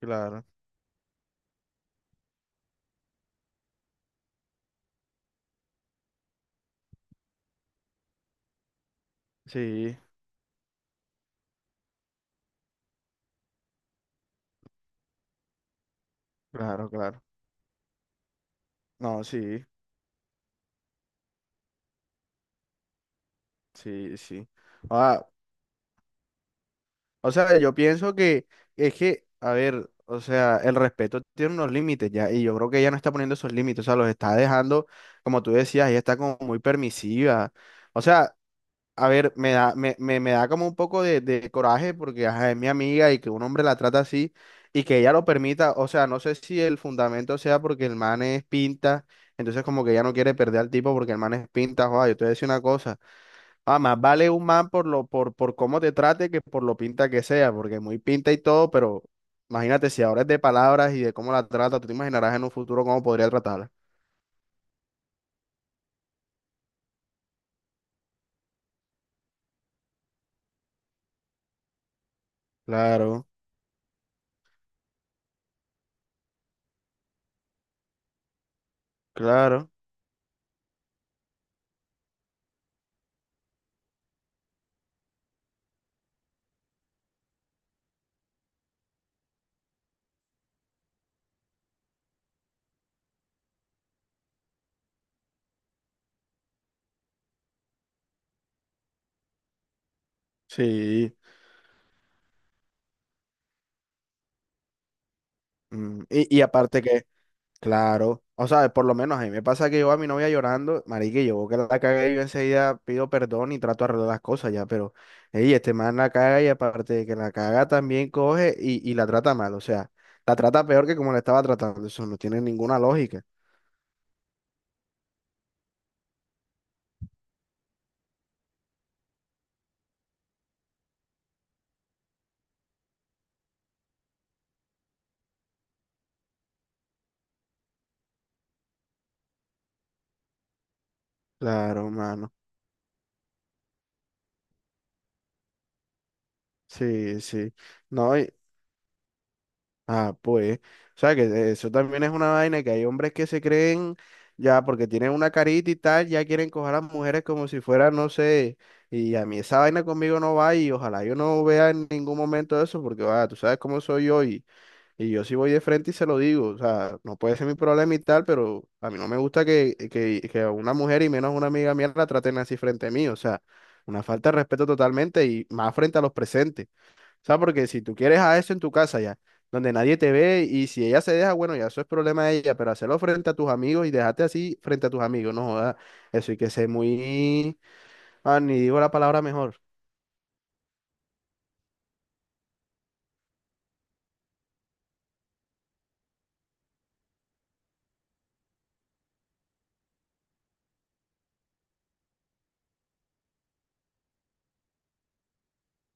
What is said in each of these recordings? Claro, sí, claro, claro. No, sí, sí, sí. Ah, o sea, yo pienso que es que, a ver, o sea, el respeto tiene unos límites ya, y yo creo que ella no está poniendo esos límites, o sea, los está dejando, como tú decías, ella está como muy permisiva. O sea, a ver, me da como un poco de coraje porque ajá, es mi amiga y que un hombre la trata así y que ella lo permita. O sea, no sé si el fundamento sea porque el man es pinta, entonces como que ella no quiere perder al tipo porque el man es pinta. Joder, yo te voy a decir una cosa. Ah, más vale un man por cómo te trate que por lo pinta que sea, porque muy pinta y todo, pero imagínate si ahora es de palabras y de cómo la trata, tú te imaginarás en un futuro cómo podría tratarla. Claro, claro, sí. Mm. Y aparte que. Claro, o sea, por lo menos a mí me pasa que yo a mi novia llorando, marica, y yo que la cagué, yo enseguida pido perdón y trato de arreglar las cosas ya, pero, ey, este man la caga y aparte de que la caga también coge y la trata mal, o sea, la trata peor que como la estaba tratando, eso no tiene ninguna lógica. Claro, mano. Sí, sí. No. Ah, pues, o sea que eso también es una vaina que hay hombres que se creen ya porque tienen una carita y tal, ya quieren coger a las mujeres como si fuera, no sé, y a mí esa vaina conmigo no va y ojalá yo no vea en ningún momento eso porque, va, tú sabes cómo soy yo y yo sí voy de frente y se lo digo, o sea, no puede ser mi problema y tal, pero a mí no me gusta que, que a una mujer y menos a una amiga mía la traten así frente a mí, o sea, una falta de respeto totalmente y más frente a los presentes. O sea, porque si tú quieres a eso en tu casa ya, donde nadie te ve y si ella se deja, bueno, ya eso es problema de ella, pero hacerlo frente a tus amigos y dejarte así frente a tus amigos, no joda, eso hay que ser muy, ah, ni digo la palabra mejor.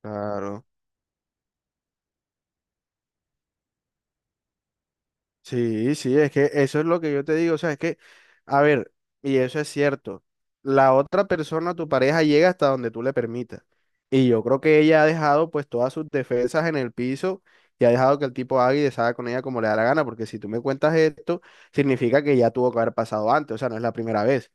Claro. Sí, sí, es que eso es lo que yo te digo, o sea, es que, a ver, y eso es cierto, la otra persona, tu pareja, llega hasta donde tú le permitas. Y yo creo que ella ha dejado pues todas sus defensas en el piso y ha dejado que el tipo haga y deshaga con ella como le da la gana, porque si tú me cuentas esto, significa que ya tuvo que haber pasado antes, o sea, no es la primera vez.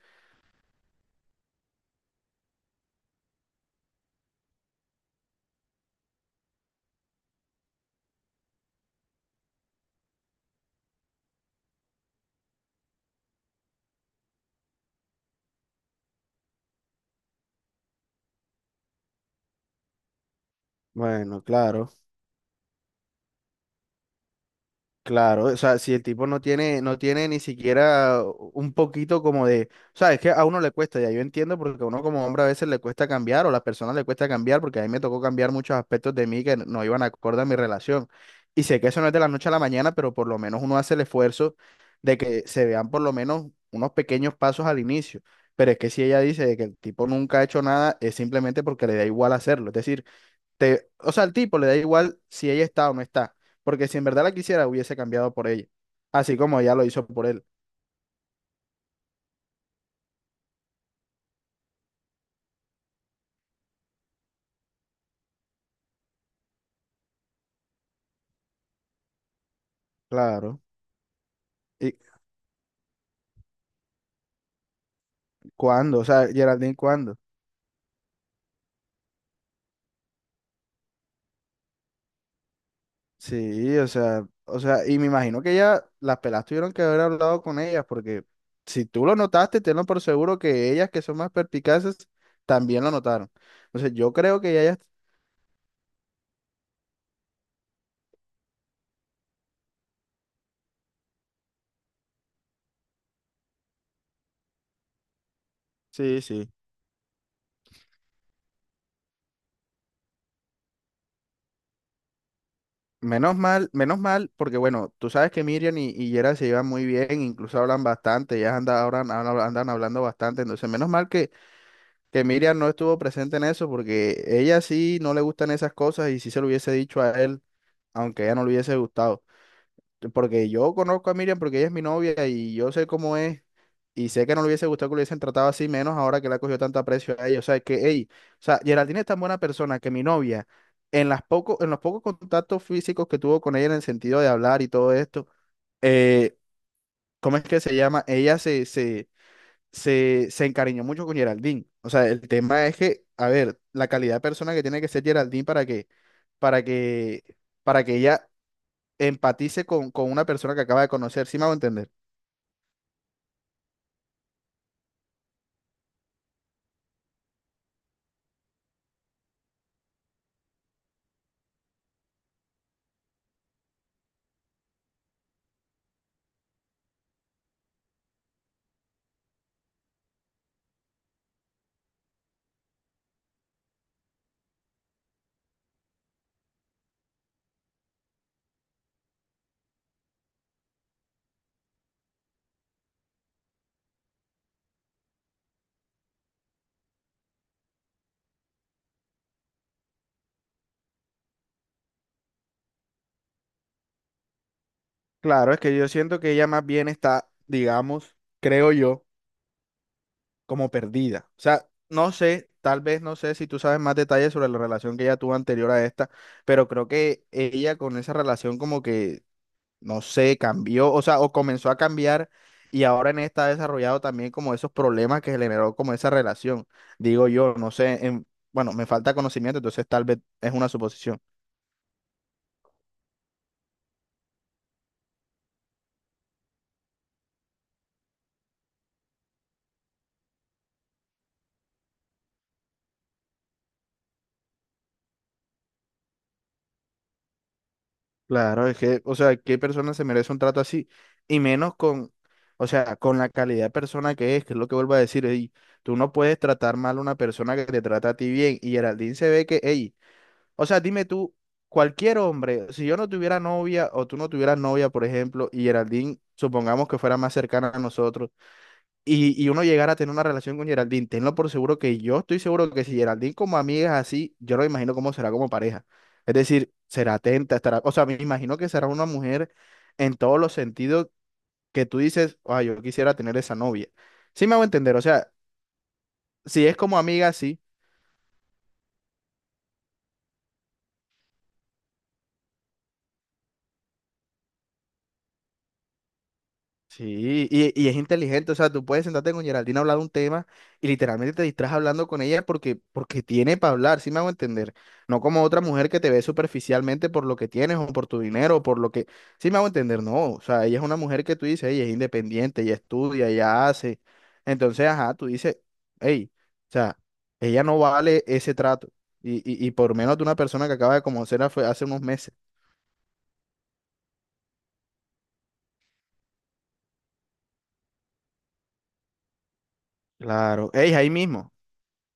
Bueno, claro. Claro, o sea, si el tipo no tiene ni siquiera un poquito como de, o sea, es que a uno le cuesta, ya yo entiendo, porque a uno como hombre a veces le cuesta cambiar, o a las personas le cuesta cambiar, porque a mí me tocó cambiar muchos aspectos de mí que no iban acorde a mi relación. Y sé que eso no es de la noche a la mañana, pero por lo menos uno hace el esfuerzo de que se vean por lo menos unos pequeños pasos al inicio. Pero es que si ella dice de que el tipo nunca ha hecho nada, es simplemente porque le da igual hacerlo. Es decir, o sea, al tipo le da igual si ella está o no está, porque si en verdad la quisiera, hubiese cambiado por ella, así como ella lo hizo por él. Claro. ¿Y cuándo? O sea, Geraldine, ¿cuándo? Sí, o sea, y me imagino que ya las pelas tuvieron que haber hablado con ellas, porque si tú lo notaste, tenlo por seguro que ellas que son más perpicaces también lo notaron. Entonces, yo creo que ellas, sí, sí. Menos mal, porque bueno, tú sabes que Miriam y, Yera se llevan muy bien, incluso hablan bastante, ellas andan hablando bastante, entonces menos mal que, Miriam no estuvo presente en eso, porque ella sí no le gustan esas cosas y sí se lo hubiese dicho a él, aunque a ella no le hubiese gustado porque yo conozco a Miriam porque ella es mi novia y yo sé cómo es y sé que no le hubiese gustado que lo hubiesen tratado así, menos ahora que le ha cogido tanto aprecio a ella. O sea, que, hey, o sea, Geraldine es tan buena persona que mi novia, en los pocos contactos físicos que tuvo con ella en el sentido de hablar y todo esto, eh, ¿cómo es que se llama? Ella se encariñó mucho con Geraldine. O sea, el tema es que, a ver, la calidad de persona que tiene que ser Geraldine para que, para que, para que ella empatice con, una persona que acaba de conocer, ¿sí me hago entender? Claro, es que yo siento que ella más bien está, digamos, creo yo, como perdida. O sea, no sé, tal vez no sé si tú sabes más detalles sobre la relación que ella tuvo anterior a esta, pero creo que ella con esa relación como que, no sé, cambió, o sea, o comenzó a cambiar y ahora en esta ha desarrollado también como esos problemas que generó como esa relación. Digo yo, no sé, bueno, me falta conocimiento, entonces tal vez es una suposición. Claro, es que, o sea, ¿qué persona se merece un trato así? Y menos con, o sea, con la calidad de persona que es lo que vuelvo a decir, ey, tú no puedes tratar mal a una persona que te trata a ti bien. Y Geraldine se ve que, ey, o sea, dime tú, cualquier hombre, si yo no tuviera novia o tú no tuvieras novia, por ejemplo, y Geraldine, supongamos que fuera más cercana a nosotros y, uno llegar a tener una relación con Geraldine, tenlo por seguro que yo estoy seguro que si Geraldine como amiga es así, yo lo imagino cómo será como pareja. Es decir, será atenta, estará, o sea, me imagino que será una mujer en todos los sentidos que tú dices, ay, yo quisiera tener esa novia. Sí me hago entender, o sea, si es como amiga, sí. Sí, y es inteligente, o sea, tú puedes sentarte con Geraldine a hablar de un tema y literalmente te distraes hablando con ella porque, porque tiene para hablar, ¿sí me hago entender? No como otra mujer que te ve superficialmente por lo que tienes o por tu dinero o por lo que, ¿sí me hago entender? No, o sea, ella es una mujer que tú dices, ella es independiente, ella estudia, ella hace, entonces, ajá, tú dices, hey, o sea, ella no vale ese trato y, y por menos de una persona que acaba de conocer hace unos meses. Claro, hey, ahí mismo.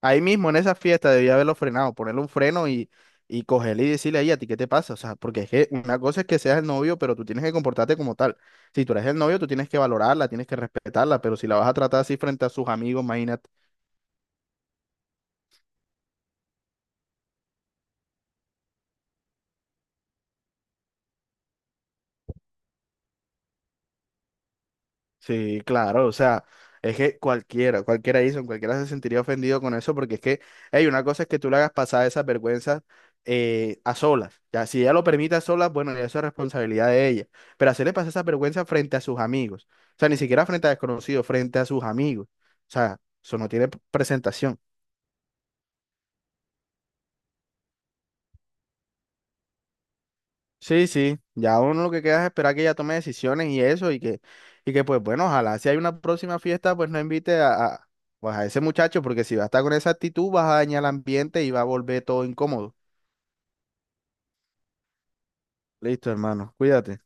Ahí mismo en esa fiesta debía haberlo frenado, ponerle un freno y, cogerle y decirle ahí a ti qué te pasa. O sea, porque es que una cosa es que seas el novio, pero tú tienes que comportarte como tal. Si tú eres el novio, tú tienes que valorarla, tienes que respetarla, pero si la vas a tratar así frente a sus amigos, imagínate. Sí, claro, o sea, es que cualquiera se sentiría ofendido con eso, porque es que, hey, una cosa es que tú le hagas pasar esas vergüenzas a solas, ya, si ella lo permite a solas, bueno, ya eso es responsabilidad de ella, pero hacerle pasar esas vergüenzas frente a sus amigos, o sea, ni siquiera frente a desconocidos, frente a sus amigos, o sea, eso no tiene presentación. Sí, sí, ya uno lo que queda es esperar que ella tome decisiones y eso, y que pues bueno, ojalá si hay una próxima fiesta, pues no invite a, pues, a ese muchacho, porque si va a estar con esa actitud, vas a dañar el ambiente y va a volver todo incómodo. Listo, hermano, cuídate.